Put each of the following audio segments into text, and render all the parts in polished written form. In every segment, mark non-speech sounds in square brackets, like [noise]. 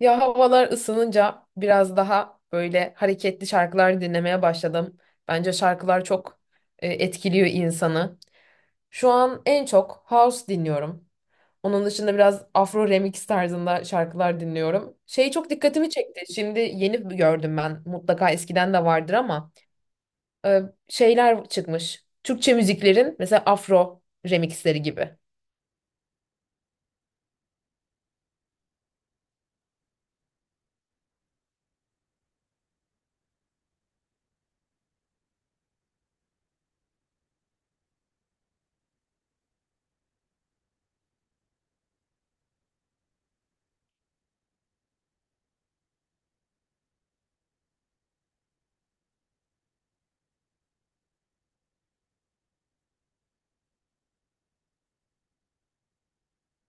Ya havalar ısınınca biraz daha böyle hareketli şarkılar dinlemeye başladım. Bence şarkılar çok etkiliyor insanı. Şu an en çok house dinliyorum. Onun dışında biraz Afro remix tarzında şarkılar dinliyorum. Şey çok dikkatimi çekti. Şimdi yeni gördüm ben. Mutlaka eskiden de vardır ama e, şeyler çıkmış. Türkçe müziklerin mesela Afro remixleri gibi.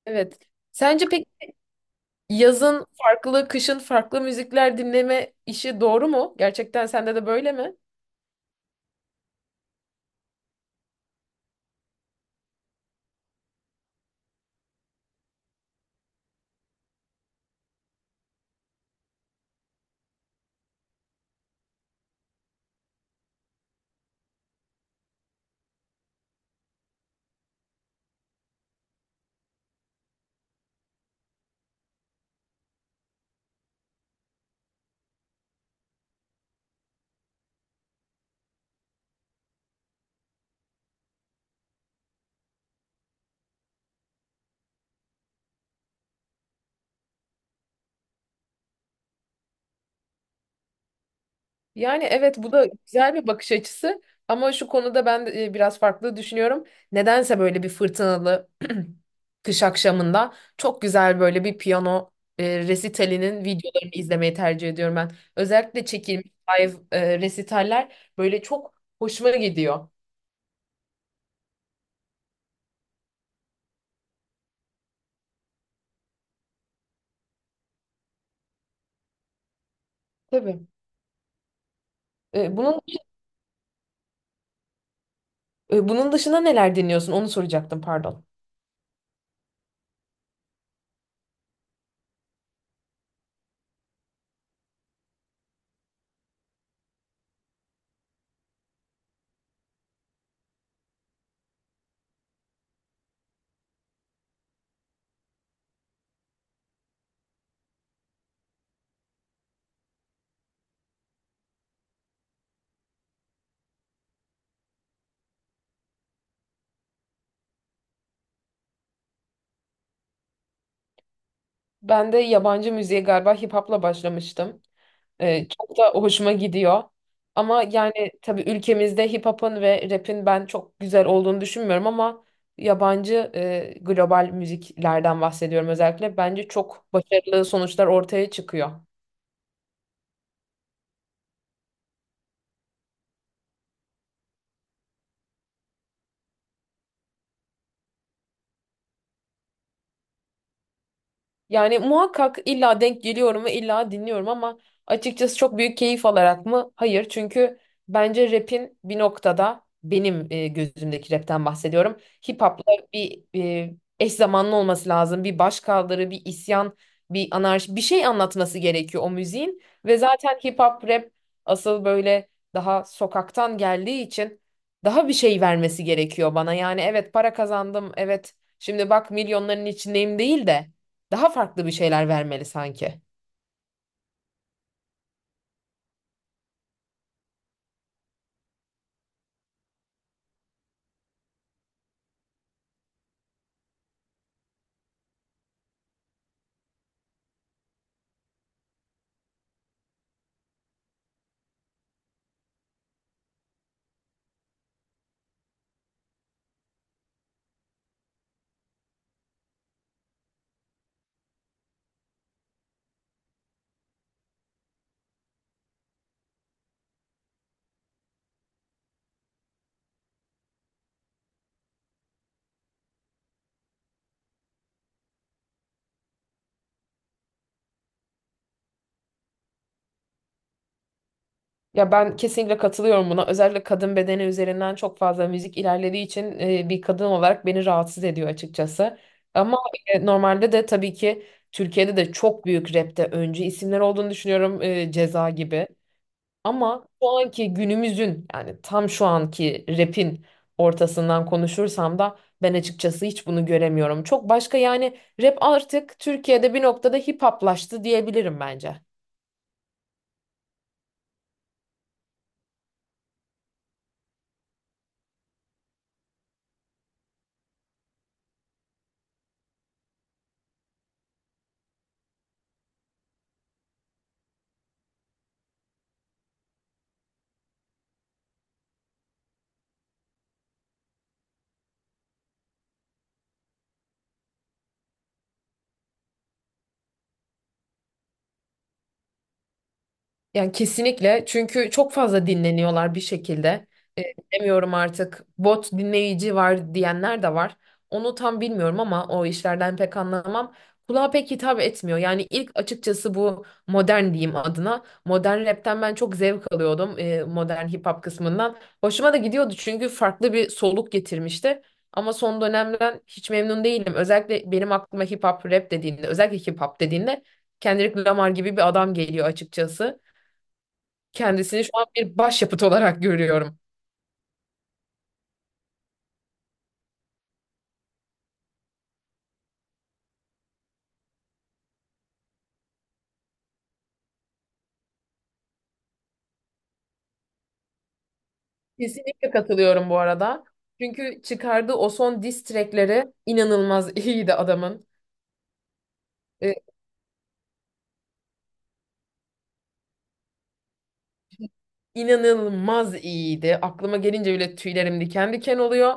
Evet. Sence pek yazın farklı, kışın farklı müzikler dinleme işi doğru mu? Gerçekten sende de böyle mi? Yani evet, bu da güzel bir bakış açısı ama şu konuda ben de, biraz farklı düşünüyorum. Nedense böyle bir fırtınalı [clears throat] kış akşamında çok güzel böyle bir piyano resitalinin videolarını izlemeyi tercih ediyorum ben. Özellikle çekilmiş live resitaller böyle çok hoşuma gidiyor. Tabii. E, bunun E, bunun dışında neler deniyorsun? Onu soracaktım, pardon. Ben de yabancı müziğe galiba hip hop'la başlamıştım. Çok da hoşuma gidiyor. Ama yani tabii ülkemizde hip hop'un ve rap'in ben çok güzel olduğunu düşünmüyorum ama yabancı global müziklerden bahsediyorum özellikle. Bence çok başarılı sonuçlar ortaya çıkıyor. Yani muhakkak illa denk geliyorum ve illa dinliyorum ama açıkçası çok büyük keyif alarak mı? Hayır. Çünkü bence rap'in bir noktada benim gözümdeki rap'ten bahsediyorum. Hip hop'la bir eş zamanlı olması lazım. Bir başkaldırı, bir isyan, bir anarşi, bir şey anlatması gerekiyor o müziğin. Ve zaten hip hop rap asıl böyle daha sokaktan geldiği için daha bir şey vermesi gerekiyor bana. Yani evet para kazandım, evet şimdi bak milyonların içindeyim değil de daha farklı bir şeyler vermeli sanki. Ya ben kesinlikle katılıyorum buna. Özellikle kadın bedeni üzerinden çok fazla müzik ilerlediği için bir kadın olarak beni rahatsız ediyor açıkçası. Ama normalde de tabii ki Türkiye'de de çok büyük rapte öncü isimler olduğunu düşünüyorum Ceza gibi. Ama şu anki günümüzün yani tam şu anki rapin ortasından konuşursam da ben açıkçası hiç bunu göremiyorum. Çok başka yani rap artık Türkiye'de bir noktada hip hoplaştı diyebilirim bence. Yani kesinlikle çünkü çok fazla dinleniyorlar bir şekilde. E, Bilemiyorum artık bot dinleyici var diyenler de var. Onu tam bilmiyorum ama o işlerden pek anlamam. Kulağa pek hitap etmiyor. Yani ilk açıkçası bu modern diyeyim adına. Modern rapten ben çok zevk alıyordum modern hip hop kısmından. Hoşuma da gidiyordu çünkü farklı bir soluk getirmişti. Ama son dönemden hiç memnun değilim. Özellikle benim aklıma hip hop rap dediğinde, özellikle hip hop dediğinde Kendrick Lamar gibi bir adam geliyor açıkçası. Kendisini şu an bir başyapıt olarak görüyorum. Kesinlikle katılıyorum bu arada. Çünkü çıkardığı o son diss track'leri inanılmaz iyiydi adamın. Ee, inanılmaz iyiydi. Aklıma gelince bile tüylerim diken diken oluyor.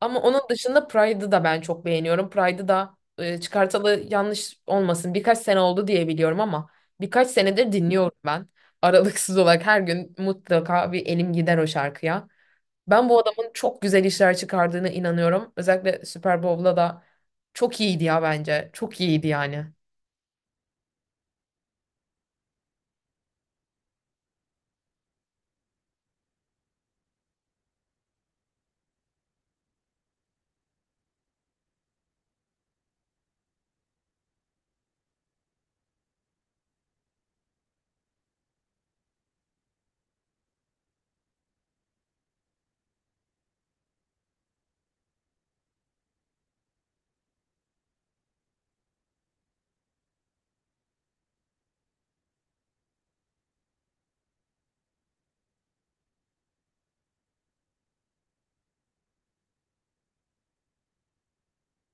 Ama onun dışında Pride'ı da ben çok beğeniyorum. Pride'ı da çıkartalı yanlış olmasın birkaç sene oldu diye biliyorum ama birkaç senedir dinliyorum ben. Aralıksız olarak her gün mutlaka bir elim gider o şarkıya. Ben bu adamın çok güzel işler çıkardığına inanıyorum. Özellikle Super Bowl'da da çok iyiydi ya bence. Çok iyiydi yani.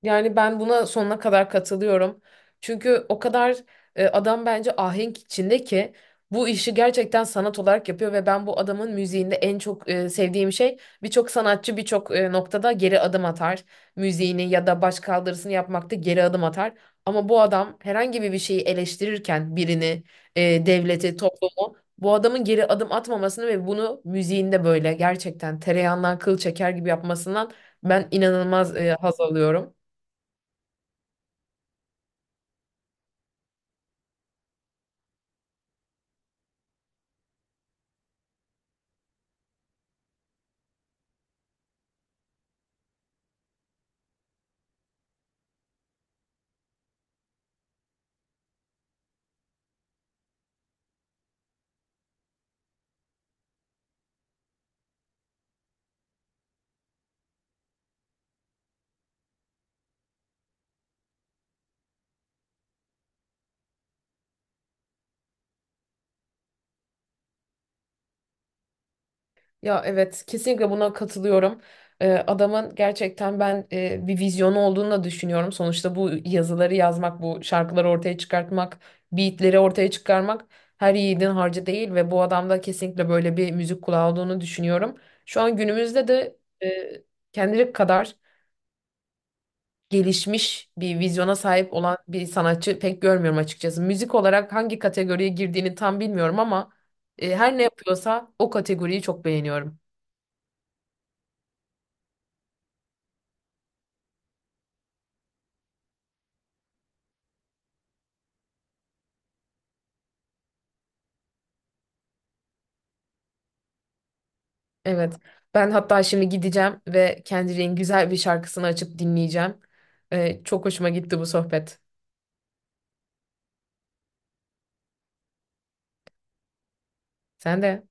Yani ben buna sonuna kadar katılıyorum. Çünkü o kadar adam bence ahenk içinde ki bu işi gerçekten sanat olarak yapıyor ve ben bu adamın müziğinde en çok sevdiğim şey birçok sanatçı birçok noktada geri adım atar. Müziğini ya da baş kaldırısını yapmakta geri adım atar. Ama bu adam herhangi bir şeyi eleştirirken birini, devleti, toplumu bu adamın geri adım atmamasını ve bunu müziğinde böyle gerçekten tereyağından kıl çeker gibi yapmasından ben inanılmaz haz alıyorum. Ya evet, kesinlikle buna katılıyorum. Adamın gerçekten ben bir vizyonu olduğunu da düşünüyorum. Sonuçta bu yazıları yazmak, bu şarkıları ortaya çıkartmak, beatleri ortaya çıkarmak her yiğidin harcı değil ve bu adamda kesinlikle böyle bir müzik kulağı olduğunu düşünüyorum. Şu an günümüzde de e, Kendrick kadar gelişmiş bir vizyona sahip olan bir sanatçı pek görmüyorum açıkçası. Müzik olarak hangi kategoriye girdiğini tam bilmiyorum ama her ne yapıyorsa o kategoriyi çok beğeniyorum. Evet. Ben hatta şimdi gideceğim ve Kendrick'in güzel bir şarkısını açıp dinleyeceğim. Çok hoşuma gitti bu sohbet. Sen de.